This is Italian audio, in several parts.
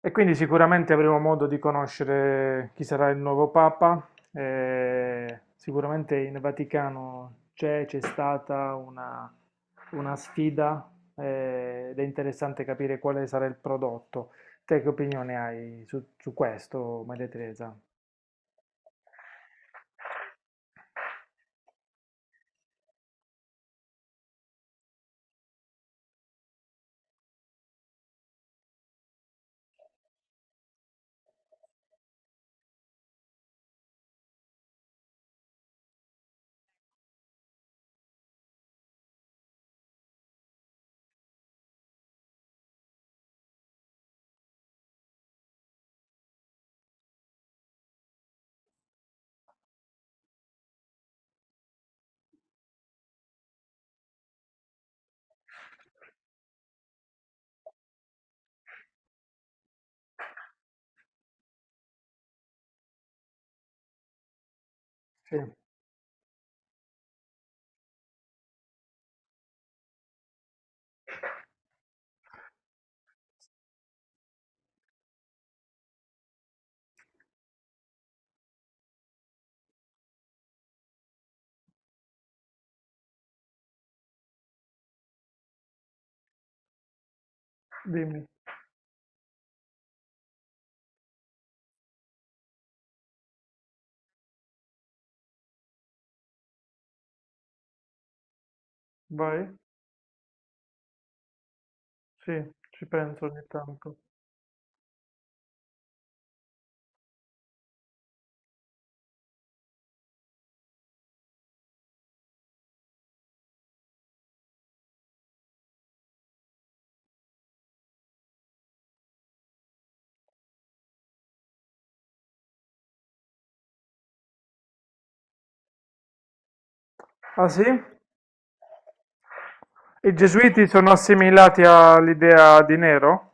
E quindi sicuramente avremo modo di conoscere chi sarà il nuovo Papa. Sicuramente in Vaticano c'è stata una sfida, ed è interessante capire quale sarà il prodotto. Te che opinione hai su questo, Maria Teresa? Sì, dimmi, vai. Sì, ci penso ogni tanto. Ah sì? I gesuiti sono assimilati all'idea di Nero?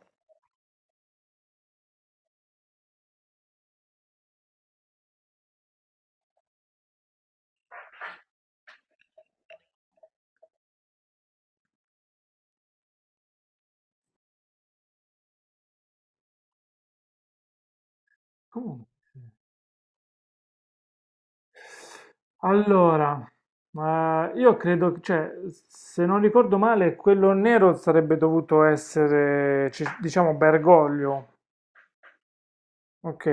Comunque, sì. Allora, ma io credo, cioè, se non ricordo male, quello nero sarebbe dovuto essere, diciamo, Bergoglio. Ok.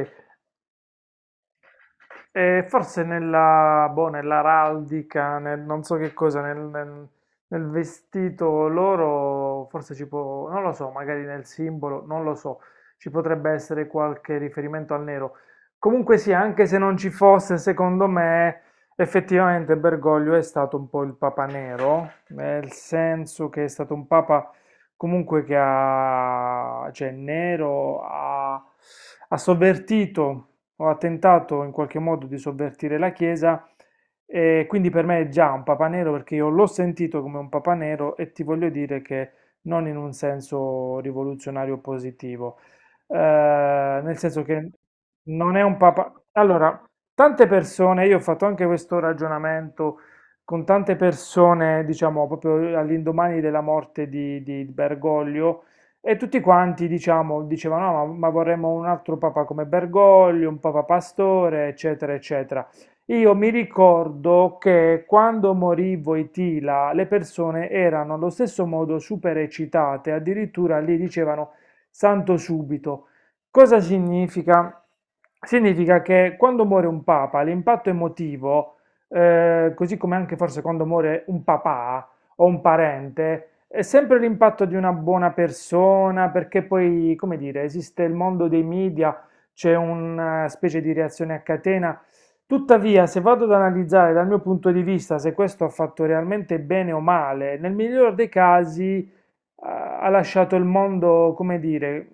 Forse nella, boh, nell'araldica, nel, non so che cosa, nel vestito loro, forse ci può, non lo so, magari nel simbolo, non lo so, ci potrebbe essere qualche riferimento al nero. Comunque sì, anche se non ci fosse, secondo me, effettivamente Bergoglio è stato un po' il papa nero, nel senso che è stato un papa comunque che ha, cioè nero, ha, ha sovvertito, ho tentato in qualche modo di sovvertire la Chiesa, e quindi per me è già un papa nero perché io l'ho sentito come un papa nero. E ti voglio dire che non in un senso rivoluzionario positivo. Eh, Nel senso che non è un papa... Allora, tante persone, io ho fatto anche questo ragionamento con tante persone, diciamo, proprio all'indomani della morte di Bergoglio, e tutti quanti, diciamo, dicevano: "No, ma vorremmo un altro papa come Bergoglio, un papa pastore, eccetera, eccetera". Io mi ricordo che quando morì Voitila, le persone erano allo stesso modo super eccitate, addirittura lì dicevano santo subito. Cosa significa? Significa che quando muore un papa, l'impatto emotivo, così come anche forse quando muore un papà, o un parente, è sempre l'impatto di una buona persona, perché poi, come dire, esiste il mondo dei media, c'è una specie di reazione a catena. Tuttavia, se vado ad analizzare dal mio punto di vista se questo ha fatto realmente bene o male, nel miglior dei casi ha lasciato il mondo, come dire,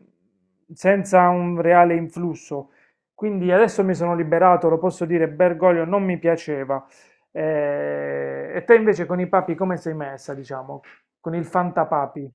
senza un reale influsso. Quindi adesso mi sono liberato, lo posso dire, Bergoglio non mi piaceva. E te invece con i papi come sei messa, diciamo? Con il fantapapi,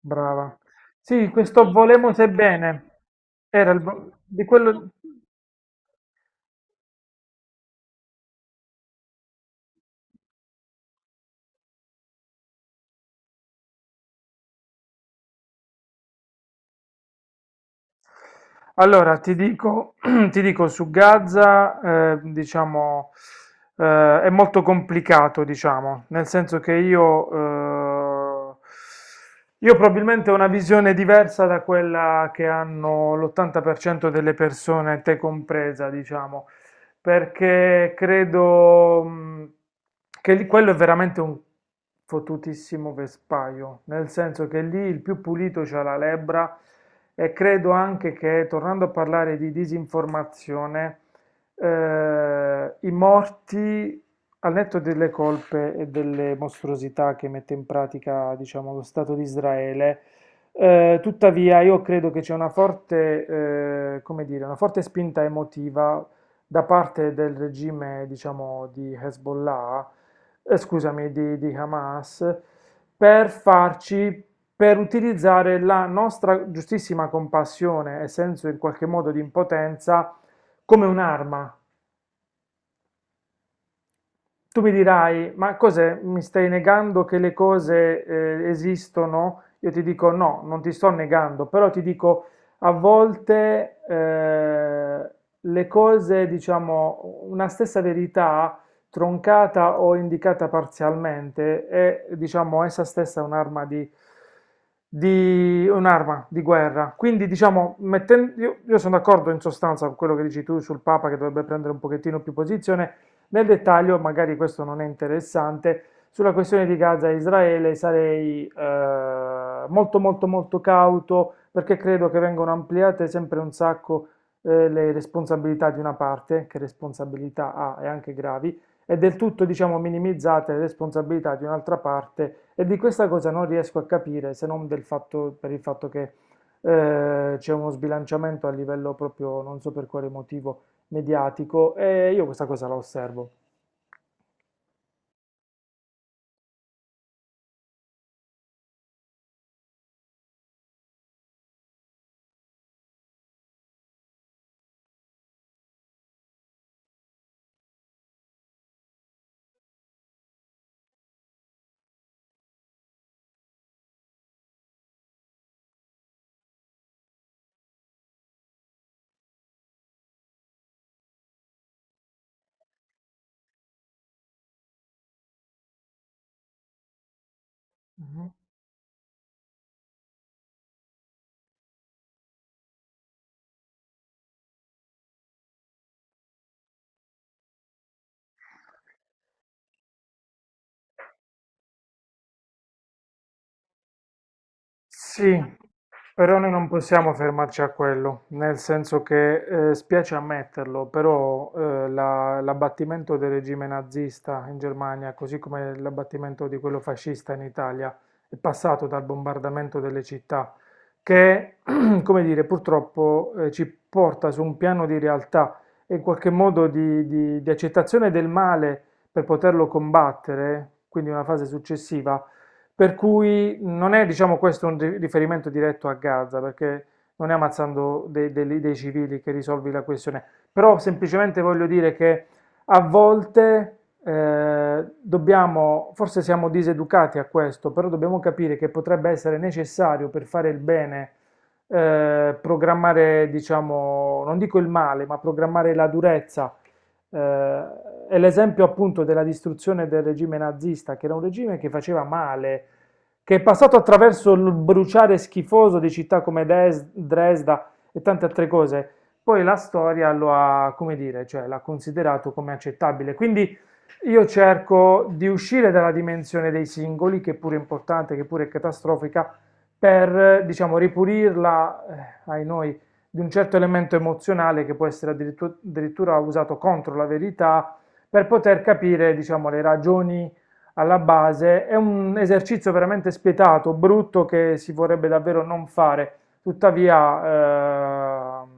brava. Sì, questo volemo se bene. Era il vo- di quello. Allora, ti dico, ti dico su Gaza, diciamo, è molto complicato, diciamo, nel senso che eh, io probabilmente ho una visione diversa da quella che hanno l'80% delle persone, te compresa, diciamo, perché credo che quello è veramente un fottutissimo vespaio, nel senso che lì il più pulito c'ha la lebbra. E credo anche che, tornando a parlare di disinformazione, i morti, al netto delle colpe e delle mostruosità che mette in pratica, diciamo, lo Stato di Israele, tuttavia, io credo che c'è una forte, come dire, una forte spinta emotiva da parte del regime, diciamo, di Hezbollah, scusami, di Hamas, per farci, per utilizzare la nostra giustissima compassione e senso in qualche modo di impotenza come un'arma. Tu mi dirai, ma cos'è? Mi stai negando che le cose esistono? Io ti dico no, non ti sto negando, però ti dico a volte le cose, diciamo, una stessa verità troncata o indicata parzialmente è, diciamo, essa stessa un'arma di un'arma di guerra. Quindi, diciamo, io sono d'accordo in sostanza con quello che dici tu sul Papa, che dovrebbe prendere un pochettino più posizione, nel dettaglio, magari questo non è interessante, sulla questione di Gaza e Israele sarei molto molto molto cauto, perché credo che vengano ampliate sempre un sacco le responsabilità di una parte, che responsabilità ha e anche gravi, e del tutto diciamo minimizzate le responsabilità di un'altra parte. E di questa cosa non riesco a capire se non del fatto, per il fatto che c'è uno sbilanciamento a livello proprio, non so per quale motivo, mediatico, e io questa cosa la osservo. Mhm. Sì, però noi non possiamo fermarci a quello, nel senso che spiace ammetterlo, però l'abbattimento del regime nazista in Germania, così come l'abbattimento di quello fascista in Italia, è passato dal bombardamento delle città, che, come dire, purtroppo ci porta su un piano di realtà e in qualche modo di accettazione del male per poterlo combattere, quindi una fase successiva, per cui non è, diciamo, questo un riferimento diretto a Gaza, perché non è ammazzando dei civili che risolvi la questione, però semplicemente voglio dire che a volte dobbiamo, forse siamo diseducati a questo, però dobbiamo capire che potrebbe essere necessario per fare il bene, programmare, diciamo, non dico il male, ma programmare la durezza. eh, è l'esempio appunto della distruzione del regime nazista, che era un regime che faceva male, che è passato attraverso il bruciare schifoso di città come Dresda e tante altre cose. Poi la storia lo ha, come dire, cioè l'ha considerato come accettabile. Quindi io cerco di uscire dalla dimensione dei singoli, che pure è importante, che pure è catastrofica, per, diciamo, ripulirla, ai noi, di un certo elemento emozionale che può essere addirittura usato contro la verità, per poter capire, diciamo, le ragioni alla base. È un esercizio veramente spietato, brutto, che si vorrebbe davvero non fare. Tuttavia,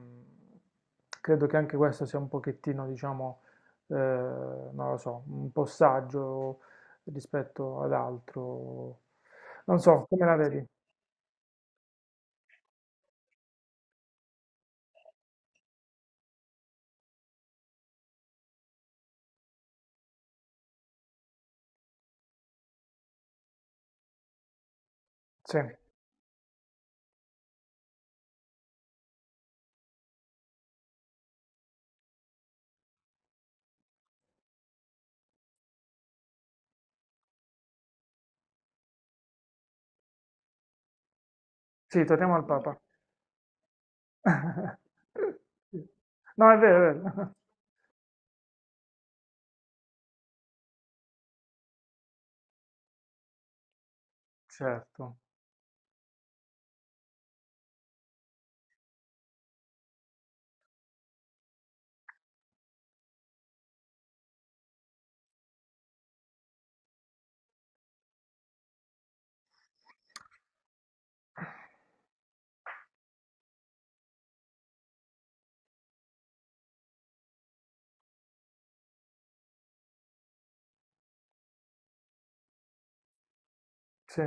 credo che anche questo sia un pochettino, diciamo, non lo so, un po' saggio rispetto ad altro. Non so, come la vedi? Sì, sì, torniamo al Papa. No, è vero, è vero. Certo, sì.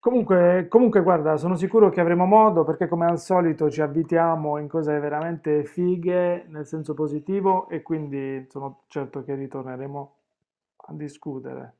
Comunque, comunque, guarda, sono sicuro che avremo modo perché come al solito ci abitiamo in cose veramente fighe nel senso positivo, e quindi sono certo che ritorneremo a discutere.